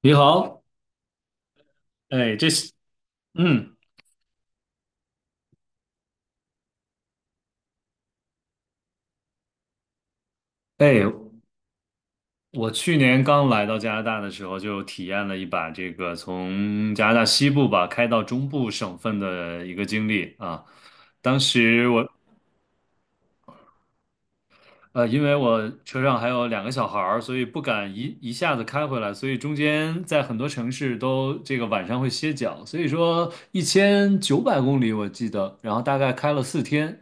你好，哎，这是，嗯，哎，我去年刚来到加拿大的时候，就体验了一把这个从加拿大西部吧开到中部省份的一个经历啊。当时我，因为我车上还有2个小孩儿，所以不敢一下子开回来，所以中间在很多城市都这个晚上会歇脚，所以说1,900公里我记得，然后大概开了4天，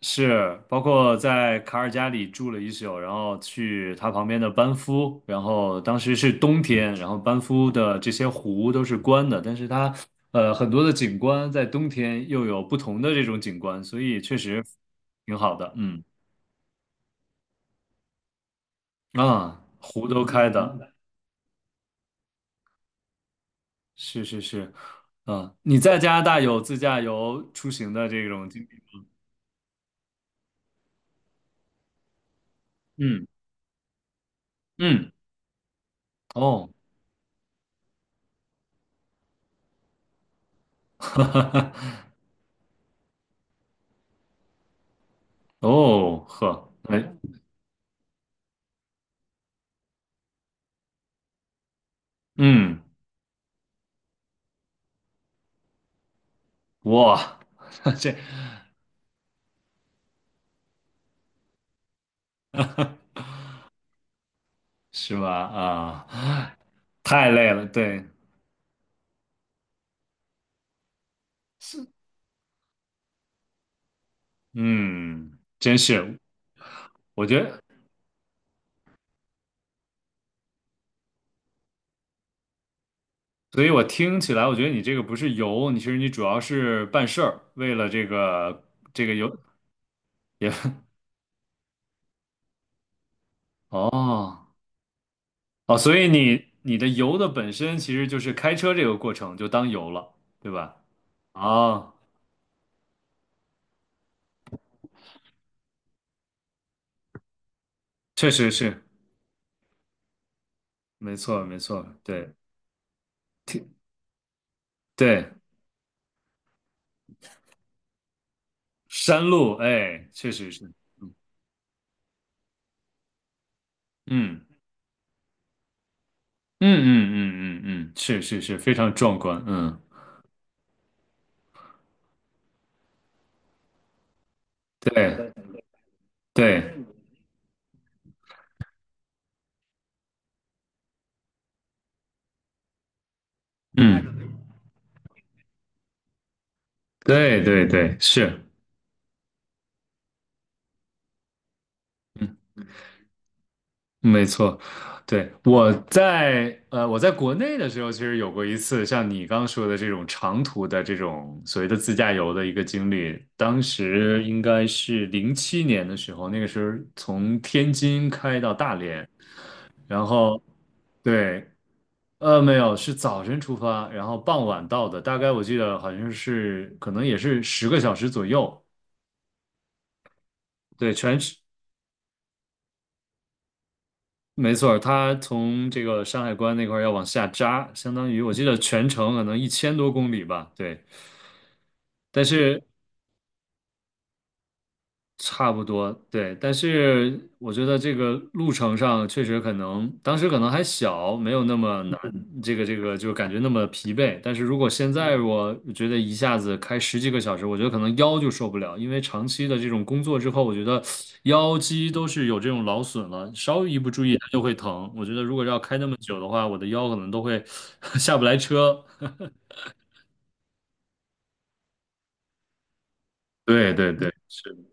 是，包括在卡尔加里住了一宿，然后去他旁边的班夫，然后当时是冬天，然后班夫的这些湖都是关的，但是它很多的景观在冬天又有不同的这种景观，所以确实挺好的，嗯。啊，湖都开的，是是是。啊，你在加拿大有自驾游出行的这种经历吗？嗯嗯，哦，哦呵，哎，嗯哇。这是吧？啊，太累了，对，是，嗯，真是，我觉得，所以我听起来，我觉得你这个不是游，你其实你主要是办事儿，为了这个这个游也。 哦哦，所以你你的游的本身其实就是开车这个过程，就当游了，对吧？哦，确实是，没错没错，对，挺对，山路，哎，确实是，嗯嗯嗯嗯嗯嗯，是是是，非常壮观，嗯。对对，嗯，对对对，是，嗯，没错。对，我在我在国内的时候，其实有过一次像你刚说的这种长途的这种所谓的自驾游的一个经历。当时应该是07年的时候，那个时候从天津开到大连，然后对，没有，是早晨出发，然后傍晚到的，大概我记得好像是可能也是10个小时左右。对，全没错儿，它从这个山海关那块儿要往下扎，相当于我记得全程可能1,000多公里吧，对。但是差不多，对，但是我觉得这个路程上确实可能，当时可能还小，没有那么难，这个这个就感觉那么疲惫。但是如果现在我觉得一下子开十几个小时，我觉得可能腰就受不了，因为长期的这种工作之后，我觉得腰肌都是有这种劳损了，稍微一不注意它就会疼。我觉得如果要开那么久的话，我的腰可能都会 下不来车。对对对，是。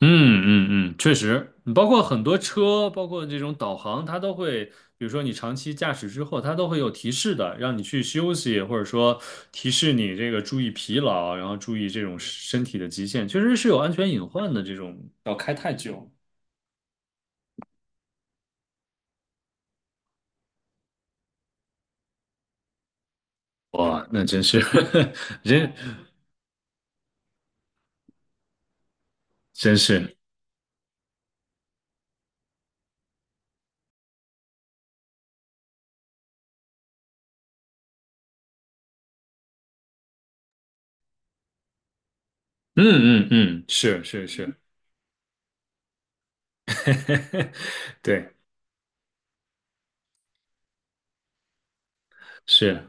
嗯嗯嗯，确实，包括很多车，包括这种导航，它都会，比如说你长期驾驶之后，它都会有提示的，让你去休息，或者说提示你这个注意疲劳，然后注意这种身体的极限，确实是有安全隐患的。这种要开太久，哇，那真是。真真是，嗯嗯嗯，是是是。对，是。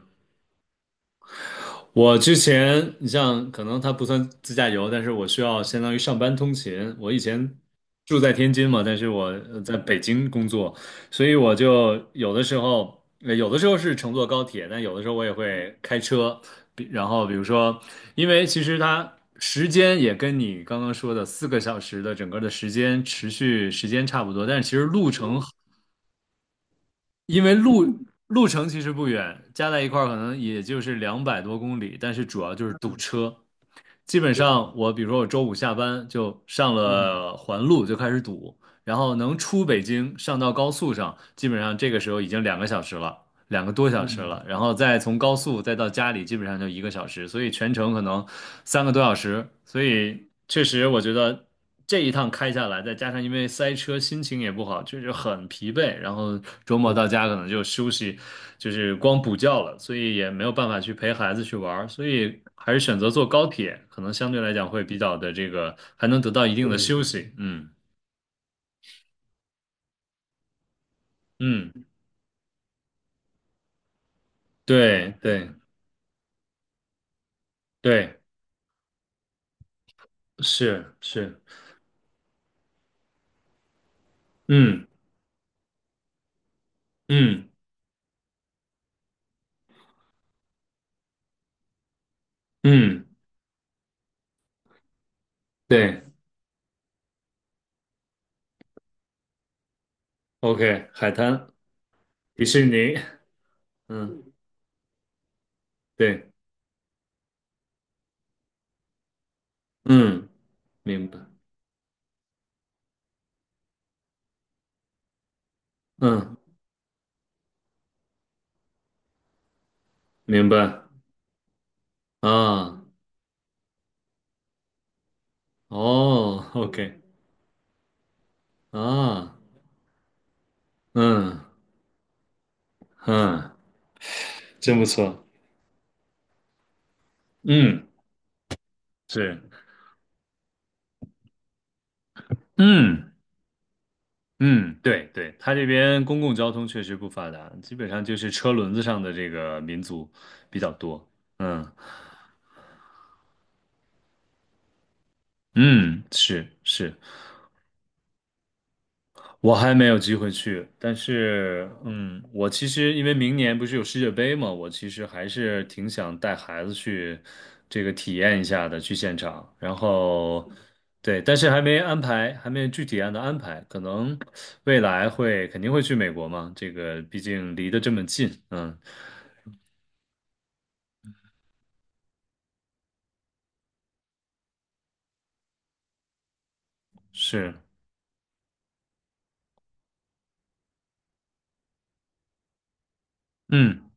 我之前，你像可能它不算自驾游，但是我需要相当于上班通勤。我以前住在天津嘛，但是我在北京工作，所以我就有的时候，有的时候是乘坐高铁，但有的时候我也会开车。然后比如说，因为其实它时间也跟你刚刚说的4个小时的整个的时间持续时间差不多，但是其实路程因为路程其实不远，加在一块儿可能也就是200多公里，但是主要就是堵车。基本上我比如说我周五下班就上了环路就开始堵，然后能出北京上到高速上，基本上这个时候已经2个小时了。2个多小时了，然后再从高速再到家里，基本上就1个小时，所以全程可能3个多小时，所以确实我觉得这一趟开下来，再加上因为塞车，心情也不好，就是很疲惫，然后周末到家可能就休息，就是光补觉了，所以也没有办法去陪孩子去玩儿，所以还是选择坐高铁，可能相对来讲会比较的这个，还能得到一定的对休息，嗯。嗯，对对对，是是，嗯嗯嗯。对，OK，海滩，迪士尼，嗯，对，嗯，明白，嗯，明白，啊，哦，OK，啊，嗯嗯，真不错，嗯，是，嗯嗯，对对，他这边公共交通确实不发达，基本上就是车轮子上的这个民族比较多，嗯嗯，是是。我还没有机会去，但是，嗯，我其实因为明年不是有世界杯嘛，我其实还是挺想带孩子去这个体验一下的，去现场。然后，对，但是还没安排，还没具体按的安排，可能未来会肯定会去美国嘛，这个毕竟离得这么近，嗯，是，嗯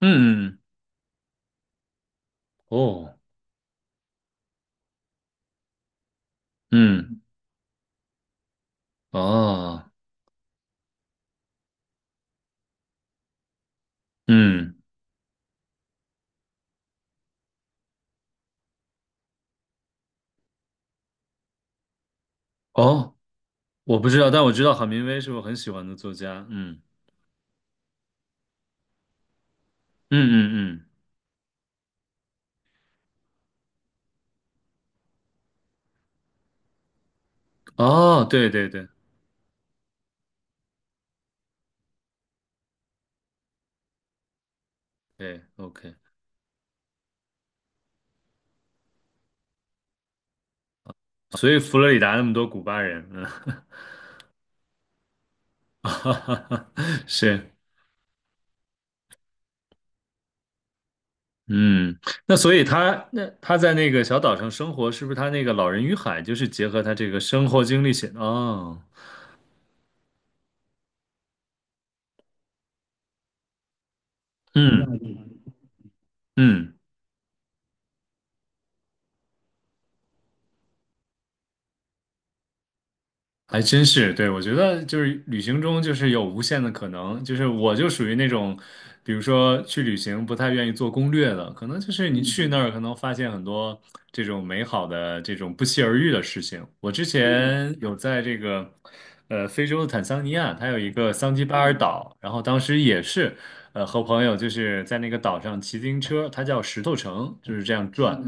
嗯嗯，哦，嗯哦，嗯哦，我不知道，但我知道郝明威是我很喜欢的作家，嗯。嗯嗯嗯，哦，对对对对，OK，所以佛罗里达那么多古巴人，嗯。哈哈哈，是，嗯，那所以他那他在那个小岛上生活，是不是他那个《老人与海》就是结合他这个生活经历写的？哦，嗯嗯。还真是，对，我觉得就是旅行中就是有无限的可能，就是我就属于那种，比如说去旅行不太愿意做攻略的，可能就是你去那儿可能发现很多这种美好的这种不期而遇的事情。我之前有在这个非洲的坦桑尼亚，它有一个桑吉巴尔岛，然后当时也是和朋友就是在那个岛上骑自行车，它叫石头城，就是这样转。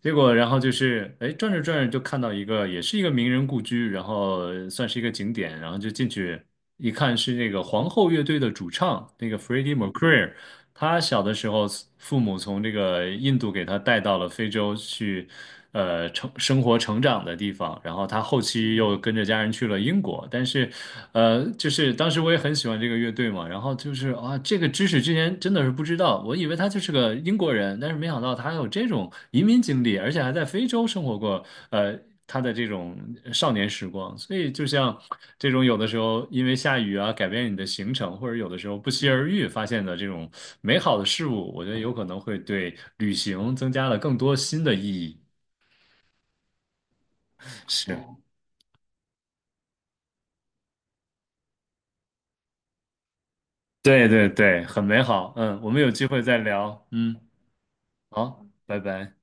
结果，然后就是，哎，转着转着就看到一个，也是一个名人故居，然后算是一个景点，然后就进去一看，是那个皇后乐队的主唱，那个 Freddie Mercury，他小的时候，父母从这个印度给他带到了非洲去，生活成长的地方。然后他后期又跟着家人去了英国。但是，就是当时我也很喜欢这个乐队嘛。然后就是啊，这个知识之前真的是不知道，我以为他就是个英国人，但是没想到他还有这种移民经历，而且还在非洲生活过，呃。他的这种少年时光。所以，就像这种有的时候因为下雨啊，改变你的行程，或者有的时候不期而遇发现的这种美好的事物，我觉得有可能会对旅行增加了更多新的意义。是，对对对，很美好。嗯，我们有机会再聊。嗯，好，拜拜。